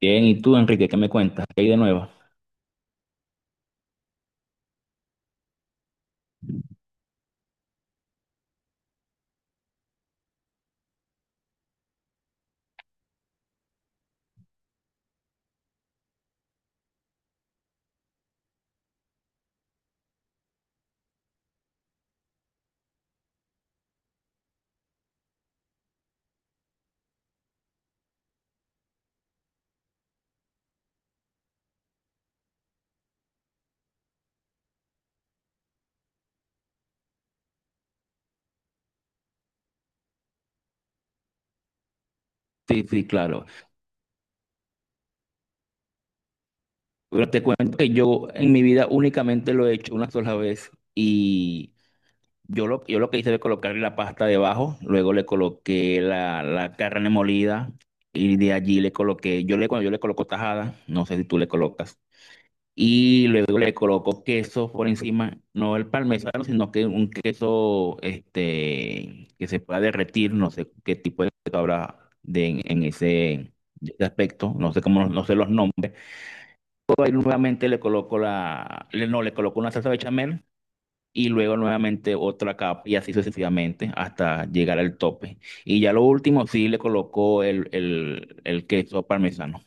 Bien, ¿y tú, Enrique, qué me cuentas? ¿Qué hay de nuevo? Sí, sí, claro. Pero te cuento que yo en mi vida únicamente lo he hecho una sola vez y yo lo que hice fue colocarle la pasta debajo, luego le coloqué la carne molida y de allí le coloqué, yo le, cuando yo le coloco tajada, no sé si tú le colocas. Y luego le coloco queso por encima, no el parmesano, sino que un queso que se pueda derretir, no sé qué tipo de queso habrá de, en ese, de ese aspecto, no sé cómo, no sé los nombres. Luego ahí nuevamente le coloco la, no, le coloco una salsa bechamel y luego nuevamente otra capa y así sucesivamente hasta llegar al tope. Y ya lo último sí le coloco el queso parmesano.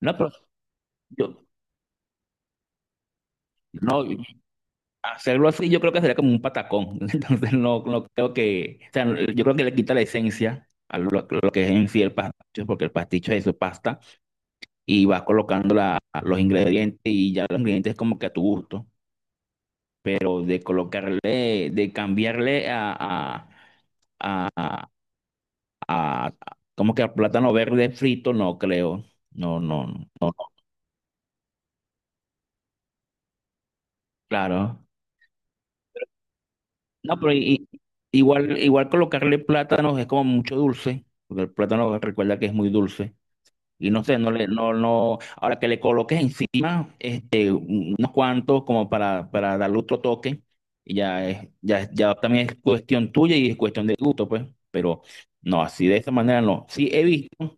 No, pero yo, no, hacerlo así yo creo que sería como un patacón. Entonces no, no creo que, o sea, yo creo que le quita la esencia a lo que es en sí el pasticho, porque el pasticho es eso, pasta, y vas colocando los ingredientes y ya los ingredientes como que a tu gusto, pero de colocarle, de cambiarle a- a- como que a plátano verde frito, no creo. No, no, no, no, claro. No, pero igual, igual colocarle plátanos es como mucho dulce, porque el plátano recuerda que es muy dulce. Y no sé, no le, no, no, ahora que le coloques encima, unos cuantos como para darle otro toque, y ya es, ya, ya también es cuestión tuya y es cuestión de gusto, pues. Pero no, así de esa manera no. Sí he visto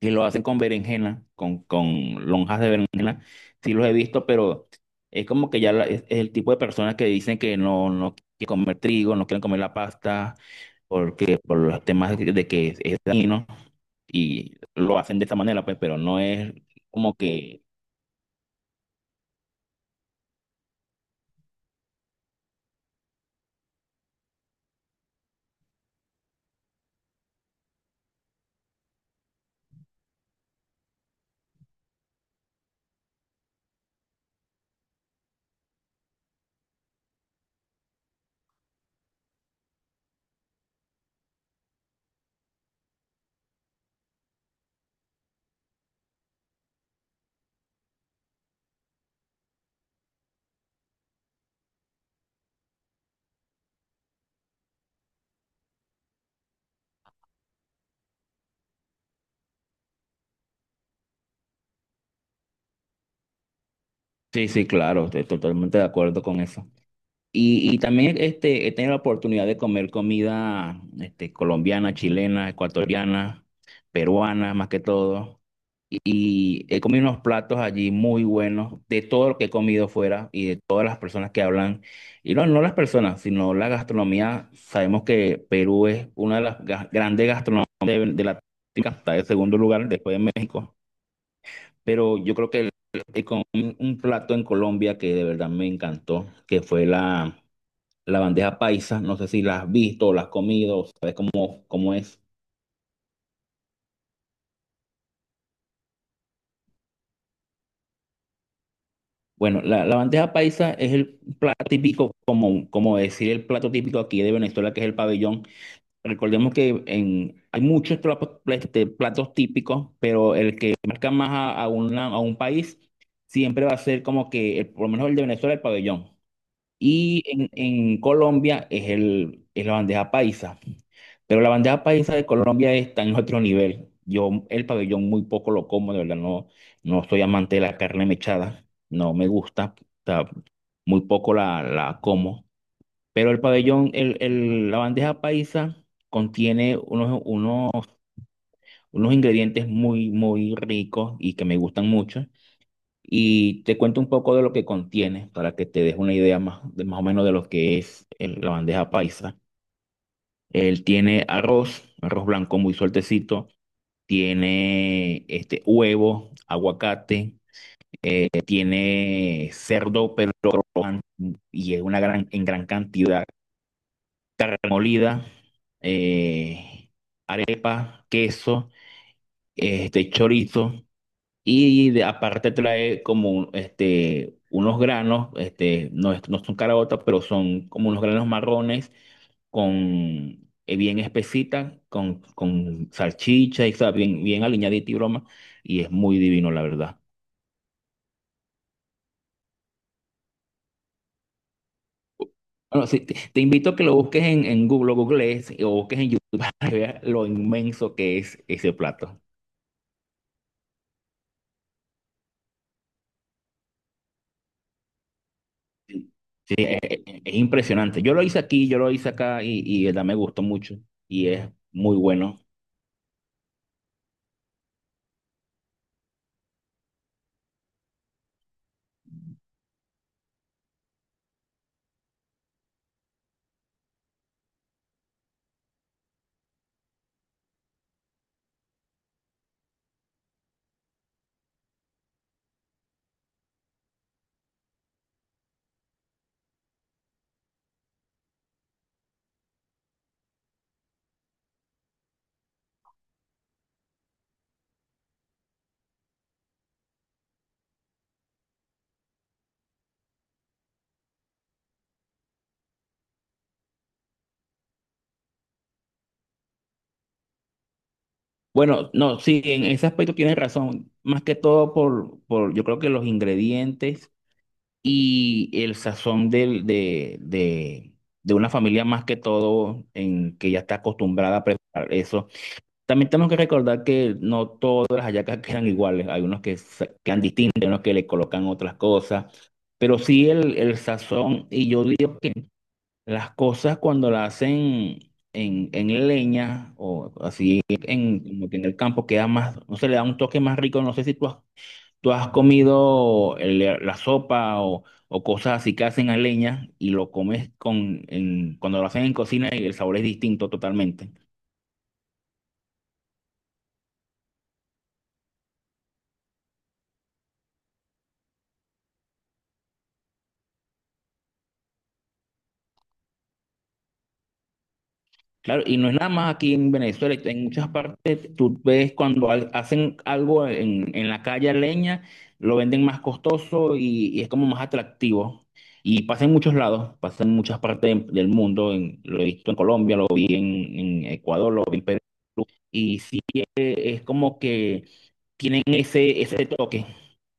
que lo hacen con berenjena, con lonjas de berenjena, sí los he visto, pero es como que ya es el tipo de personas que dicen que no, no quieren comer trigo, no quieren comer la pasta, porque por los temas de que es dañino y lo hacen de esta manera, pues, pero no es como que... Sí, sí, claro, estoy totalmente de acuerdo con eso. Y también he tenido la oportunidad de comer comida colombiana, chilena, ecuatoriana, peruana, más que todo. Y he comido unos platos allí muy buenos, de todo lo que he comido fuera y de todas las personas que hablan. Y no, no las personas, sino la gastronomía. Sabemos que Perú es una de las grandes gastronomías de Latinoamérica, está en segundo lugar después de México. Pero yo creo que con un plato en Colombia que de verdad me encantó, que fue la bandeja paisa. No sé si la has visto o la has comido, o sabes cómo, cómo es. Bueno, la bandeja paisa es el plato típico, como, como decir el plato típico aquí de Venezuela, que es el pabellón. Recordemos que en, hay muchos platos, platos típicos, pero el que marca más a, a un país siempre va a ser como que, por lo menos el de Venezuela, el pabellón. Y en Colombia es, el, es la bandeja paisa. Pero la bandeja paisa de Colombia está en otro nivel. Yo el pabellón muy poco lo como, de verdad, no, no soy amante de la carne mechada. No me gusta. O sea, muy poco la como. Pero el pabellón, la bandeja paisa contiene unos ingredientes muy, muy ricos y que me gustan mucho. Y te cuento un poco de lo que contiene para que te des una idea más, de, más o menos de lo que es la bandeja paisa. Él tiene arroz, arroz blanco muy sueltecito, tiene este huevo, aguacate, tiene cerdo, pero crocante, y es una gran, en gran cantidad, carne molida, eh, arepa, queso, este chorizo. Y aparte trae como unos granos, no, no son caraotas, pero son como unos granos marrones con bien espesitas, con salchicha y sabe, bien, bien aliñadita y broma, y es muy divino, la verdad. Bueno, sí, te invito a que lo busques en Google, lo googlees o busques en YouTube para que veas lo inmenso que es ese plato. Es impresionante. Yo lo hice aquí, yo lo hice acá y de verdad me gustó mucho y es muy bueno. Bueno, no, sí, en ese aspecto tienes razón. Más que todo por yo creo que los ingredientes y el sazón de una familia más que todo en que ya está acostumbrada a preparar eso. También tenemos que recordar que no todas las hallacas quedan iguales. Hay unos que quedan distintos, hay unos que le colocan otras cosas. Pero sí el sazón, y yo digo que las cosas cuando las hacen en leña o así en, como que en el campo queda más, no sé, le da un toque más rico. No sé si tú has, tú has comido la sopa o cosas así que hacen a leña y lo comes con, cuando lo hacen en cocina y el sabor es distinto totalmente. Claro, y no es nada más aquí en Venezuela, en muchas partes tú ves cuando hacen algo en la calle a leña, lo venden más costoso y es como más atractivo. Y pasa en muchos lados, pasa en muchas partes del mundo, lo he visto en Colombia, lo vi en Ecuador, lo vi en Perú, y sí es como que tienen ese, ese toque,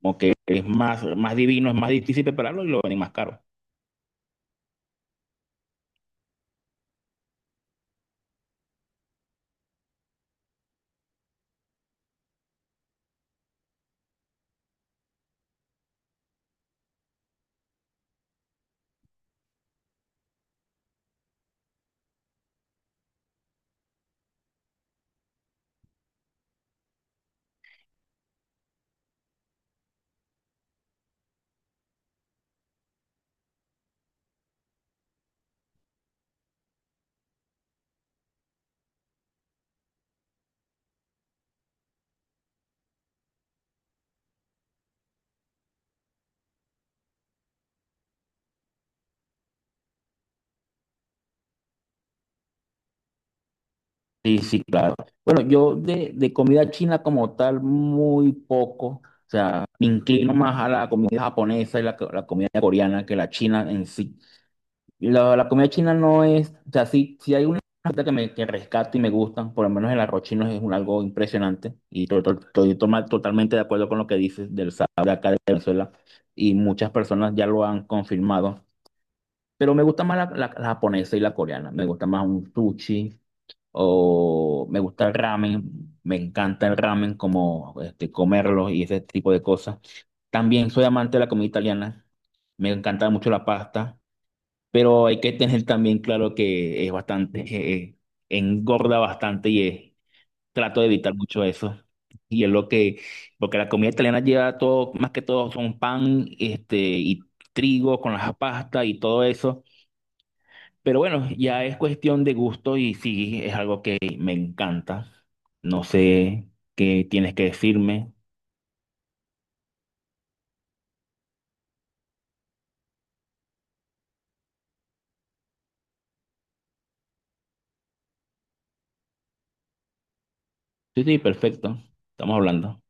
como que es más, más divino, es más difícil prepararlo y lo venden más caro. Sí, sí, claro. Bueno, yo de comida china como tal, muy poco. O sea, me inclino más a la comida japonesa y la, la comida coreana que la china en sí. La comida china no es, o sea, sí, sí hay una receta que me que rescato y me gustan, por lo menos el arroz chino es un, algo impresionante y estoy totalmente de acuerdo con lo que dices del sabor de acá de Venezuela y muchas personas ya lo han confirmado. Pero me gusta más la, la japonesa y la coreana. Me gusta más un sushi o me gusta el ramen, me encanta el ramen, como comerlo y ese tipo de cosas. También soy amante de la comida italiana, me encanta mucho la pasta, pero hay que tener también claro que es bastante, eh, engorda bastante y trato de evitar mucho eso. Y es lo que, porque la comida italiana lleva todo, más que todo son pan, y trigo con las pastas y todo eso. Pero bueno, ya es cuestión de gusto y sí, es algo que me encanta. No sé qué tienes que decirme. Sí, sí, perfecto. Estamos hablando.